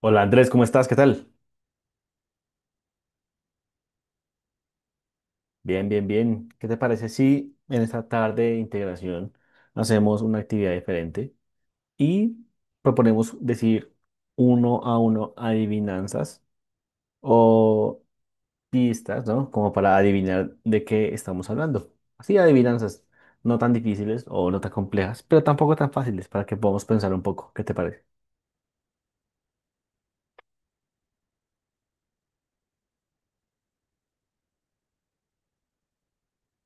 Hola Andrés, ¿cómo estás? ¿Qué tal? Bien, bien, bien. ¿Qué te parece si en esta tarde de integración hacemos una actividad diferente y proponemos decir uno a uno adivinanzas o pistas, ¿no? Como para adivinar de qué estamos hablando. Así adivinanzas no tan difíciles o no tan complejas, pero tampoco tan fáciles para que podamos pensar un poco. ¿Qué te parece?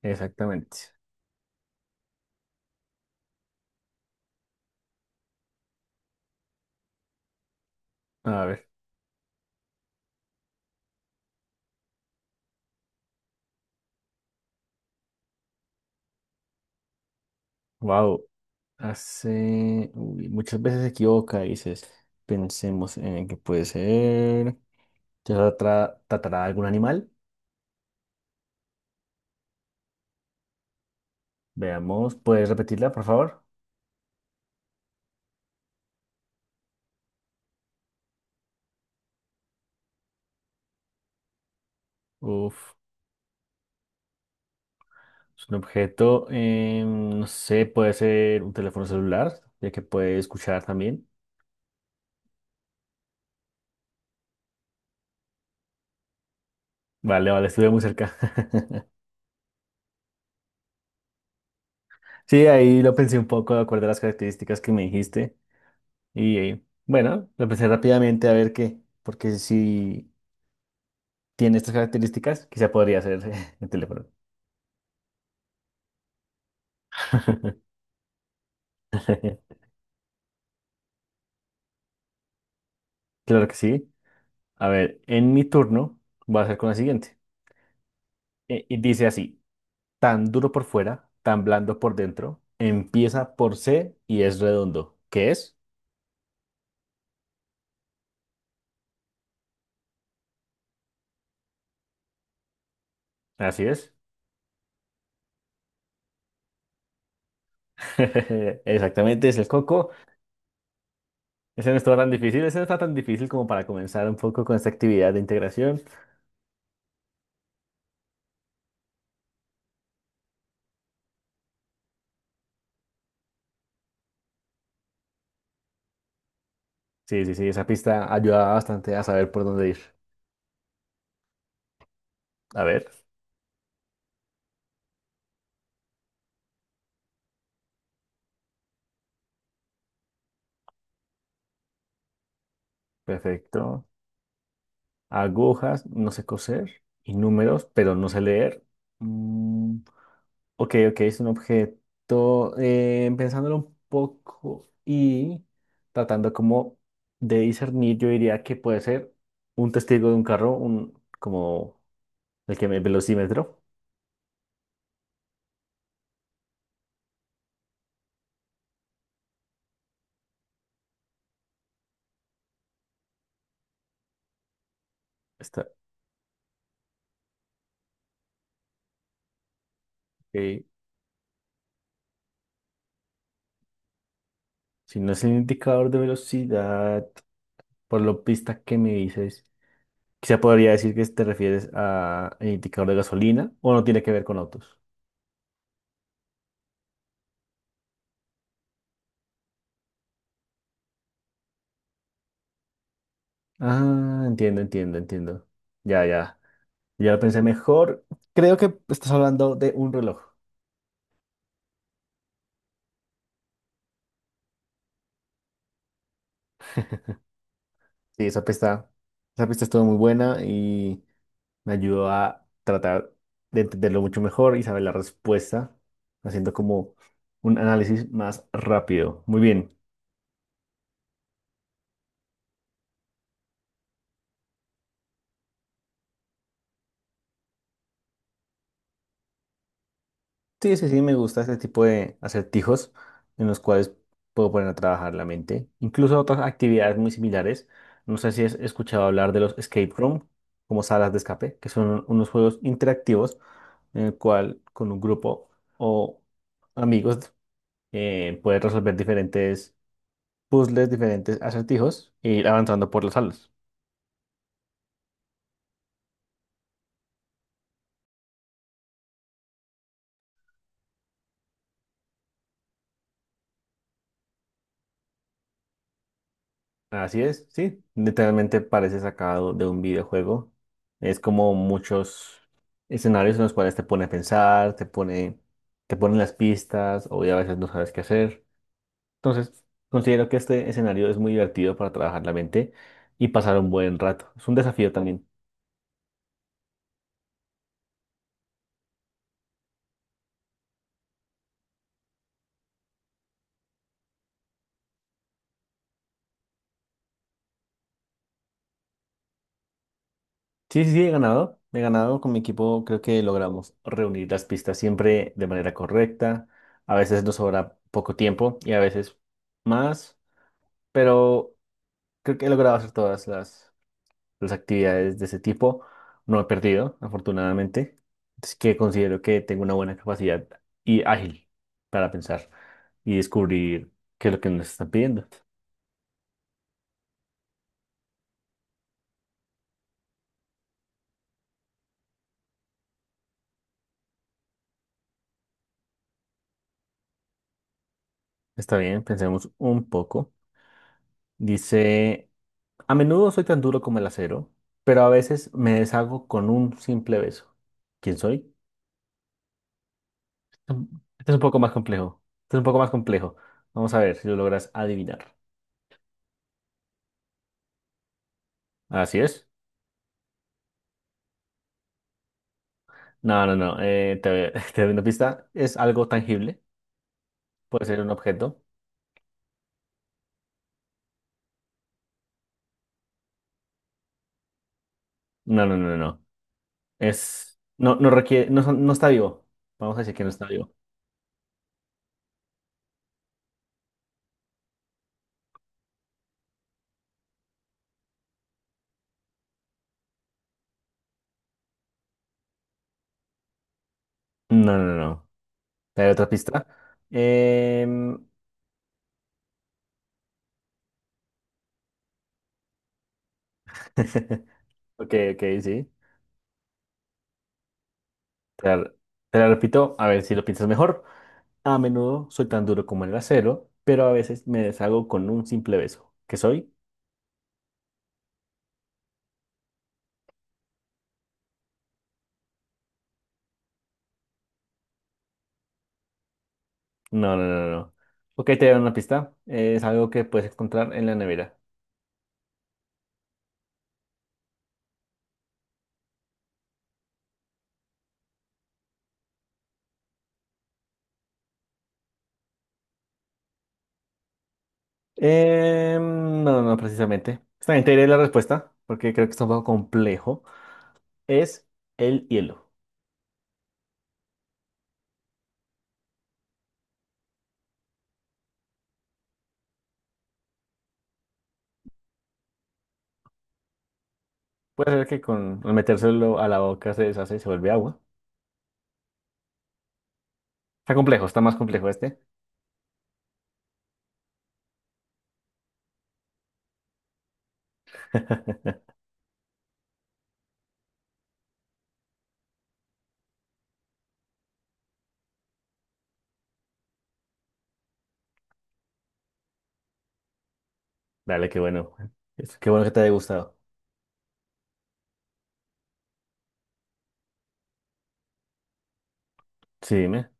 Exactamente. A ver, wow. Hace, uy, muchas veces se equivoca, dices, pensemos en que puede ser. Tratará de algún animal? Veamos, ¿puedes repetirla, por favor? Uf, es un objeto, no sé, puede ser un teléfono celular, ya que puede escuchar también. Vale, vale, estuve muy cerca. Sí, ahí lo pensé un poco de acuerdo a las características que me dijiste. Y bueno, lo pensé rápidamente a ver qué, porque si tiene estas características, quizá podría ser el teléfono. Claro que sí. A ver, en mi turno voy a hacer con la siguiente. Y dice así, tan duro por fuera, tan blando por dentro, empieza por C y es redondo. ¿Qué es? Así es. Exactamente, es el coco. Ese no está tan difícil, ese no está tan difícil como para comenzar un poco con esta actividad de integración. Sí, sí, sí, esa pista ayudaba bastante a saber por dónde ir. A ver, perfecto. Agujas, no sé coser, y números, pero no sé leer. Mm, Ok, ok, es un objeto, pensándolo un poco y tratando como de discernir, yo diría que puede ser un testigo de un carro, un, como el que me velocímetro. Está, ok. Si no es el indicador de velocidad, por lo pista que me dices, quizá podría decir que te refieres a el indicador de gasolina o no tiene que ver con autos. Ah, entiendo, entiendo, entiendo. Ya, ya. Ya lo pensé mejor. Creo que estás hablando de un reloj. Sí, esa pista estuvo muy buena y me ayudó a tratar de entenderlo mucho mejor y saber la respuesta, haciendo como un análisis más rápido. Muy bien. Sí, sí, sí, me gusta este tipo de acertijos en los cuales puedo poner a trabajar la mente. Incluso otras actividades muy similares. No sé si has escuchado hablar de los escape room, como salas de escape, que son unos juegos interactivos en el cual con un grupo o amigos puedes resolver diferentes puzzles, diferentes acertijos e ir avanzando por las salas. Así es, sí, literalmente parece sacado de un videojuego. Es como muchos escenarios en los cuales te pone a pensar, te pone, te ponen las pistas, o ya a veces no sabes qué hacer. Entonces, considero que este escenario es muy divertido para trabajar la mente y pasar un buen rato. Es un desafío también. Sí, sí, sí, he ganado. He ganado con mi equipo. Creo que logramos reunir las pistas siempre de manera correcta. A veces nos sobra poco tiempo y a veces más, pero creo que he logrado hacer todas las actividades de ese tipo. No he perdido, afortunadamente. Así que considero que tengo una buena capacidad y ágil para pensar y descubrir qué es lo que nos están pidiendo. Está bien, pensemos un poco. Dice. A menudo soy tan duro como el acero, pero a veces me deshago con un simple beso. ¿Quién soy? Mm, este es un poco más complejo. Este es un poco más complejo. Vamos a ver si lo logras adivinar. Así es. No, no, no. Te doy una pista. Es algo tangible. Puede ser un objeto. No, no, no, no. no. Es, no, no requiere, no está vivo. Vamos a decir que no está vivo. No, no, no. no. ¿Te doy otra pista? Em, Ok, ok, sí. Te la, te la repito, a ver si lo piensas mejor. A menudo soy tan duro como el acero, pero a veces me deshago con un simple beso. ¿Qué soy? No, no, no, no. Ok, te doy una pista. Es algo que puedes encontrar en la nevera. No, no, no, precisamente. Está bien, te diré la respuesta, porque creo que está un poco complejo. Es el hielo. Puede ser que con al metérselo a la boca se deshace y se vuelve agua. Está complejo, está más complejo este. Dale, qué bueno. Qué bueno que te haya gustado. Sí, dime.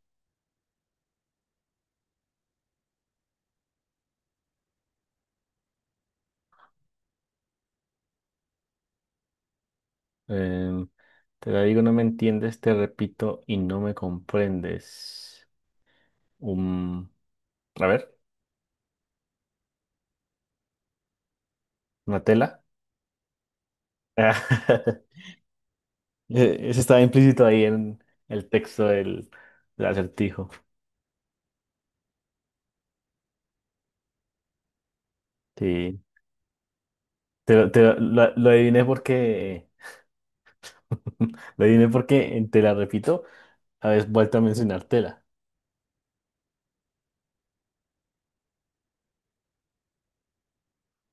Em, Te la digo, no me entiendes, te repito y no me comprendes. Un... A ver, una tela. Eso estaba implícito ahí en el texto del acertijo. Sí. Lo adiviné porque. Lo adiviné porque en te la repito, habéis vuelto a mencionar tela.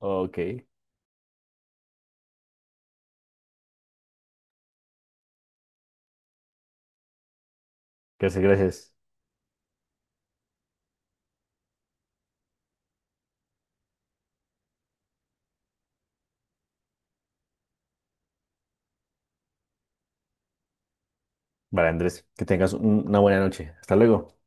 Ok. Gracias, gracias. Vale, Andrés, que tengas una buena noche. Hasta luego.